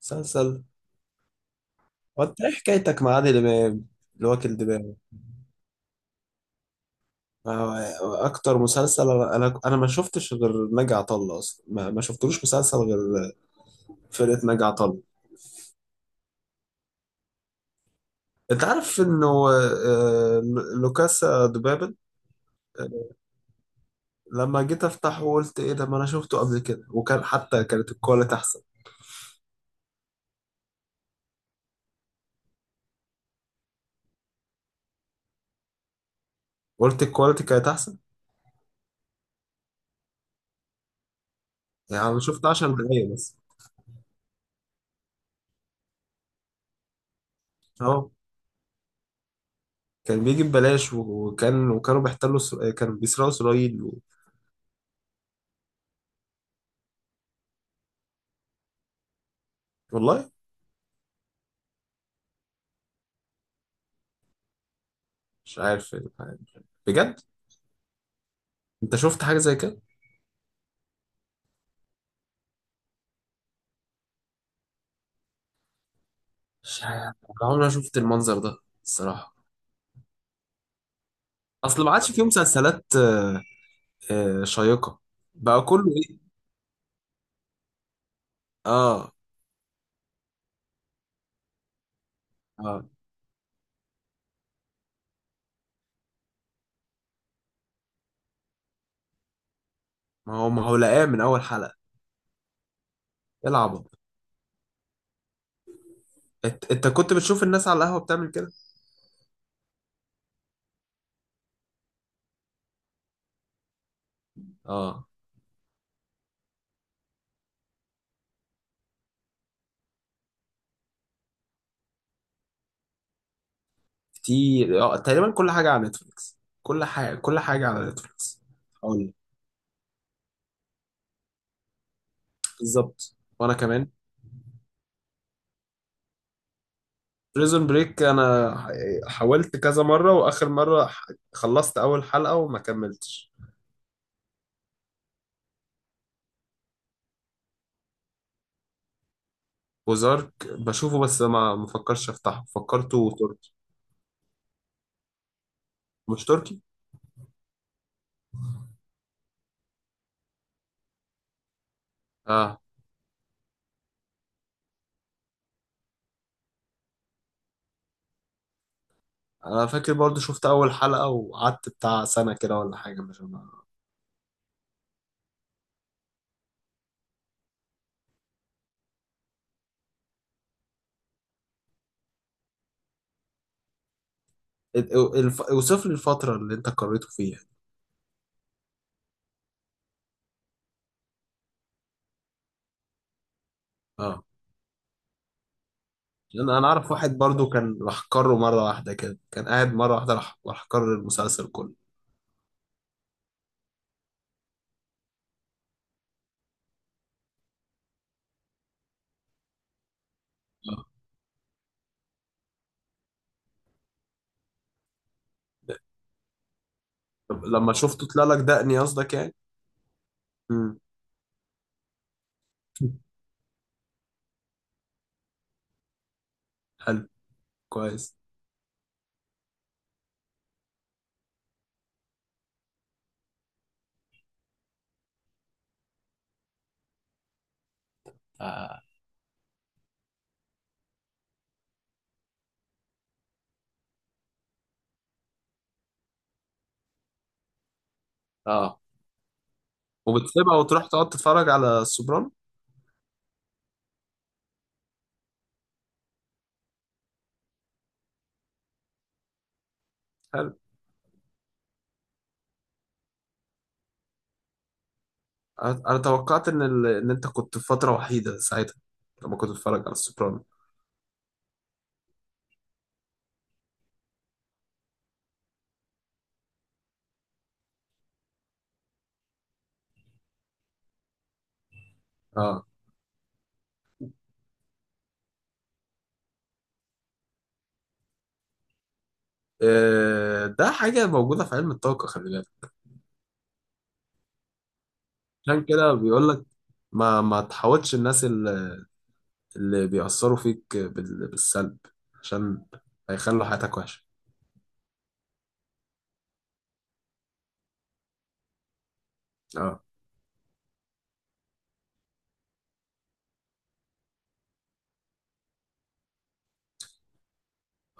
مسلسل. وانت ايه حكايتك مع عادل امام اللي واكل دماغه؟ اكتر مسلسل انا ما شفتش غير ناجي عطا الله، اصلا ما شفتلوش مسلسل غير فرقه ناجي عطا الله. انت عارف انه لوكاسا دوبابل. آه، لما جيت افتحه قلت ايه ده، ما انا شفته قبل كده، وكان حتى كانت الكواليتي احسن. قلت الكواليتي كانت احسن. يعني انا شفت 10 دقايق بس. اه. كان بيجي ببلاش وكانوا بيحتلوا كانوا بيسرقوا اسرائيل والله. مش عارف إيه الحاجة دي، بجد. انت شفت حاجه زي كده؟ مش عارف. أنا عمري ما شفت المنظر ده، الصراحه. اصل ما عادش فيه مسلسلات شيقه. بقى كله. ايه. اه. اه. ما هو لقاه من اول حلقه. العبوا. انت كنت بتشوف الناس على القهوه بتعمل كده؟ اه. كتير. اه تقريبا كل حاجه على نتفليكس. اقول لك، بالظبط، وانا كمان. بريزون بريك انا حاولت كذا مره، واخر مره خلصت اول حلقه وما كملتش. وزارك بشوفه بس ما مفكرش افتحه، فكرته تركي. مش تركي. اه. انا فاكر برضو شفت اول حلقة وقعدت بتاع سنة كده ولا حاجة، مش... اوصف لي الفترة اللي انت قريته فيها. اه. انا اعرف واحد برضو كان راح قرر مرة واحدة كده، كان قاعد مرة واحدة راح قرر المسلسل كله. آه. طب لما شفته طلع لك دقني، قصدك يعني. امم حلو. كويس. آه. اه. وبتسيبها وتروح تقعد تتفرج على السوبرانو؟ حلو. أنا توقعت ان ان انت كنت في فتره وحيده ساعتها، لما كنت بتتفرج على السوبرانو. اه. ده حاجه موجوده في علم الطاقه، خلي بالك. عشان كده بيقول لك، ما تحاولش. الناس اللي بيأثروا فيك بالسلب، عشان هيخلوا حياتك وحشه. اه.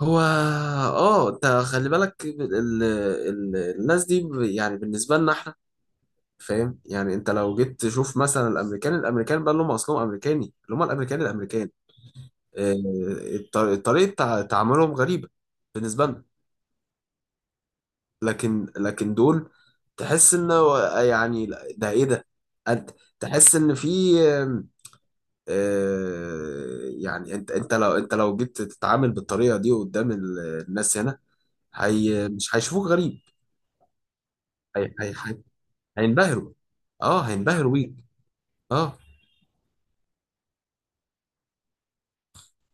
هو اه انت خلي بالك الناس دي، يعني بالنسبه لنا احنا، فاهم يعني. انت لو جيت تشوف مثلا الامريكان بقى لهم اصلهم امريكاني، اللي هم الامريكان. آه، طريقة تعاملهم غريبة بالنسبة لنا. لكن دول، تحس ان يعني لا، ده ايه ده. انت تحس ان في آم، آه، يعني انت لو جيت تتعامل بالطريقة دي قدام الناس هنا، هي مش هيشوفوك غريب. هي هينبهروا. اه هينبهروا بيك. اه.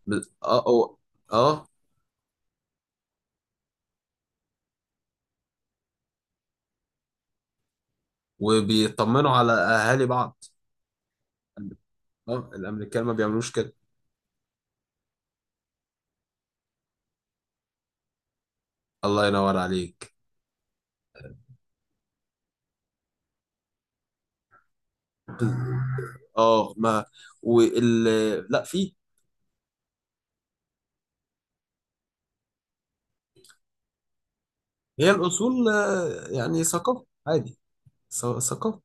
اه. اه. آه، وبيطمنوا على اهالي بعض. اه الامريكان ما بيعملوش كده. الله ينور عليك. اه. ما. وال. لا. في. هي الاصول، يعني ثقافه عادي. ثقافه.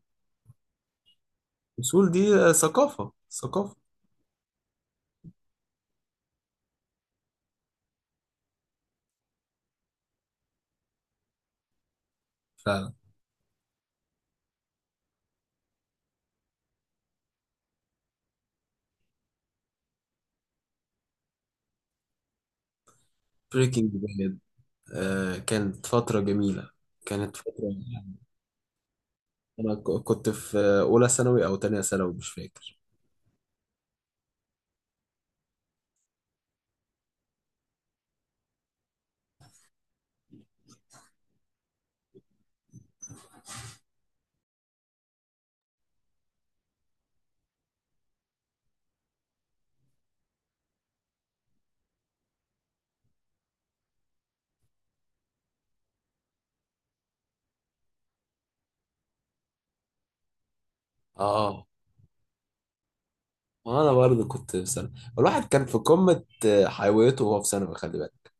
الاصول دي ثقافه. فعلا. بريكنج باد، آه كانت فتره جميله. كانت فتره يعني. انا كنت في اولى ثانوي او تانية ثانوي، مش فاكر. اه. وانا برضه كنت في ثانوي. الواحد كان في قمه حيويته وهو في ثانوي، خلي بالك.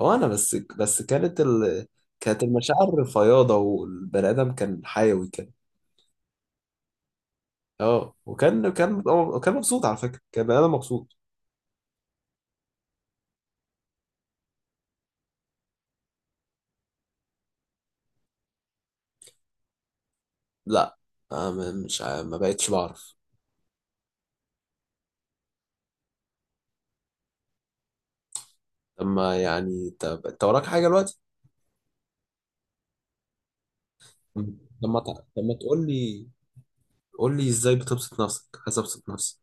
هو انا بس كانت كانت المشاعر فياضه، والبني ادم كان حيوي كده. اه. وكان كان مبسوط، على فكرة كان بني آدم مبسوط. لا. مش ما بقتش بعرف. لما يعني طب انت وراك حاجة دلوقتي؟ لما لما تقول لي، قول لي ازاي بتبسط نفسك، عايز ابسط نفسي.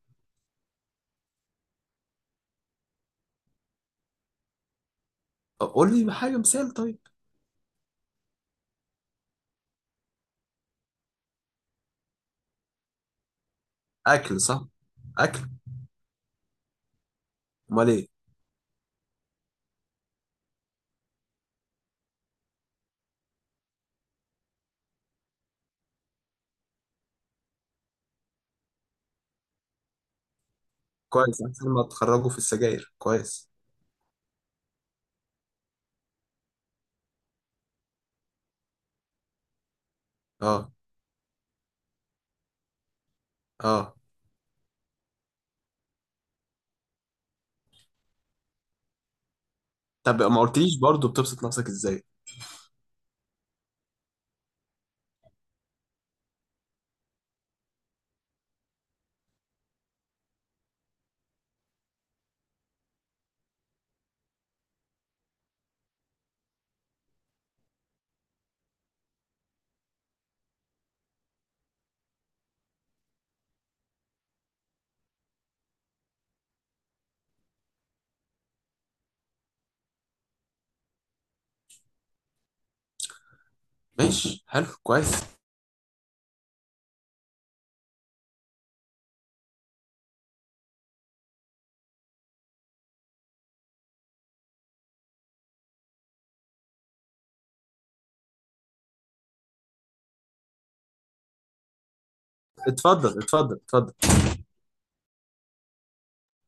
طب قول لي حاجة، مثال. طيب. اكل صح؟ اكل. امال ايه. كويس. احسن ما تخرجوا في السجاير، كويس. اه. اه. طب ما قلتليش برضو، بتبسط نفسك ازاي؟ ماشي. حلو. كويس. اتفضل، اتفضل، اتفضل.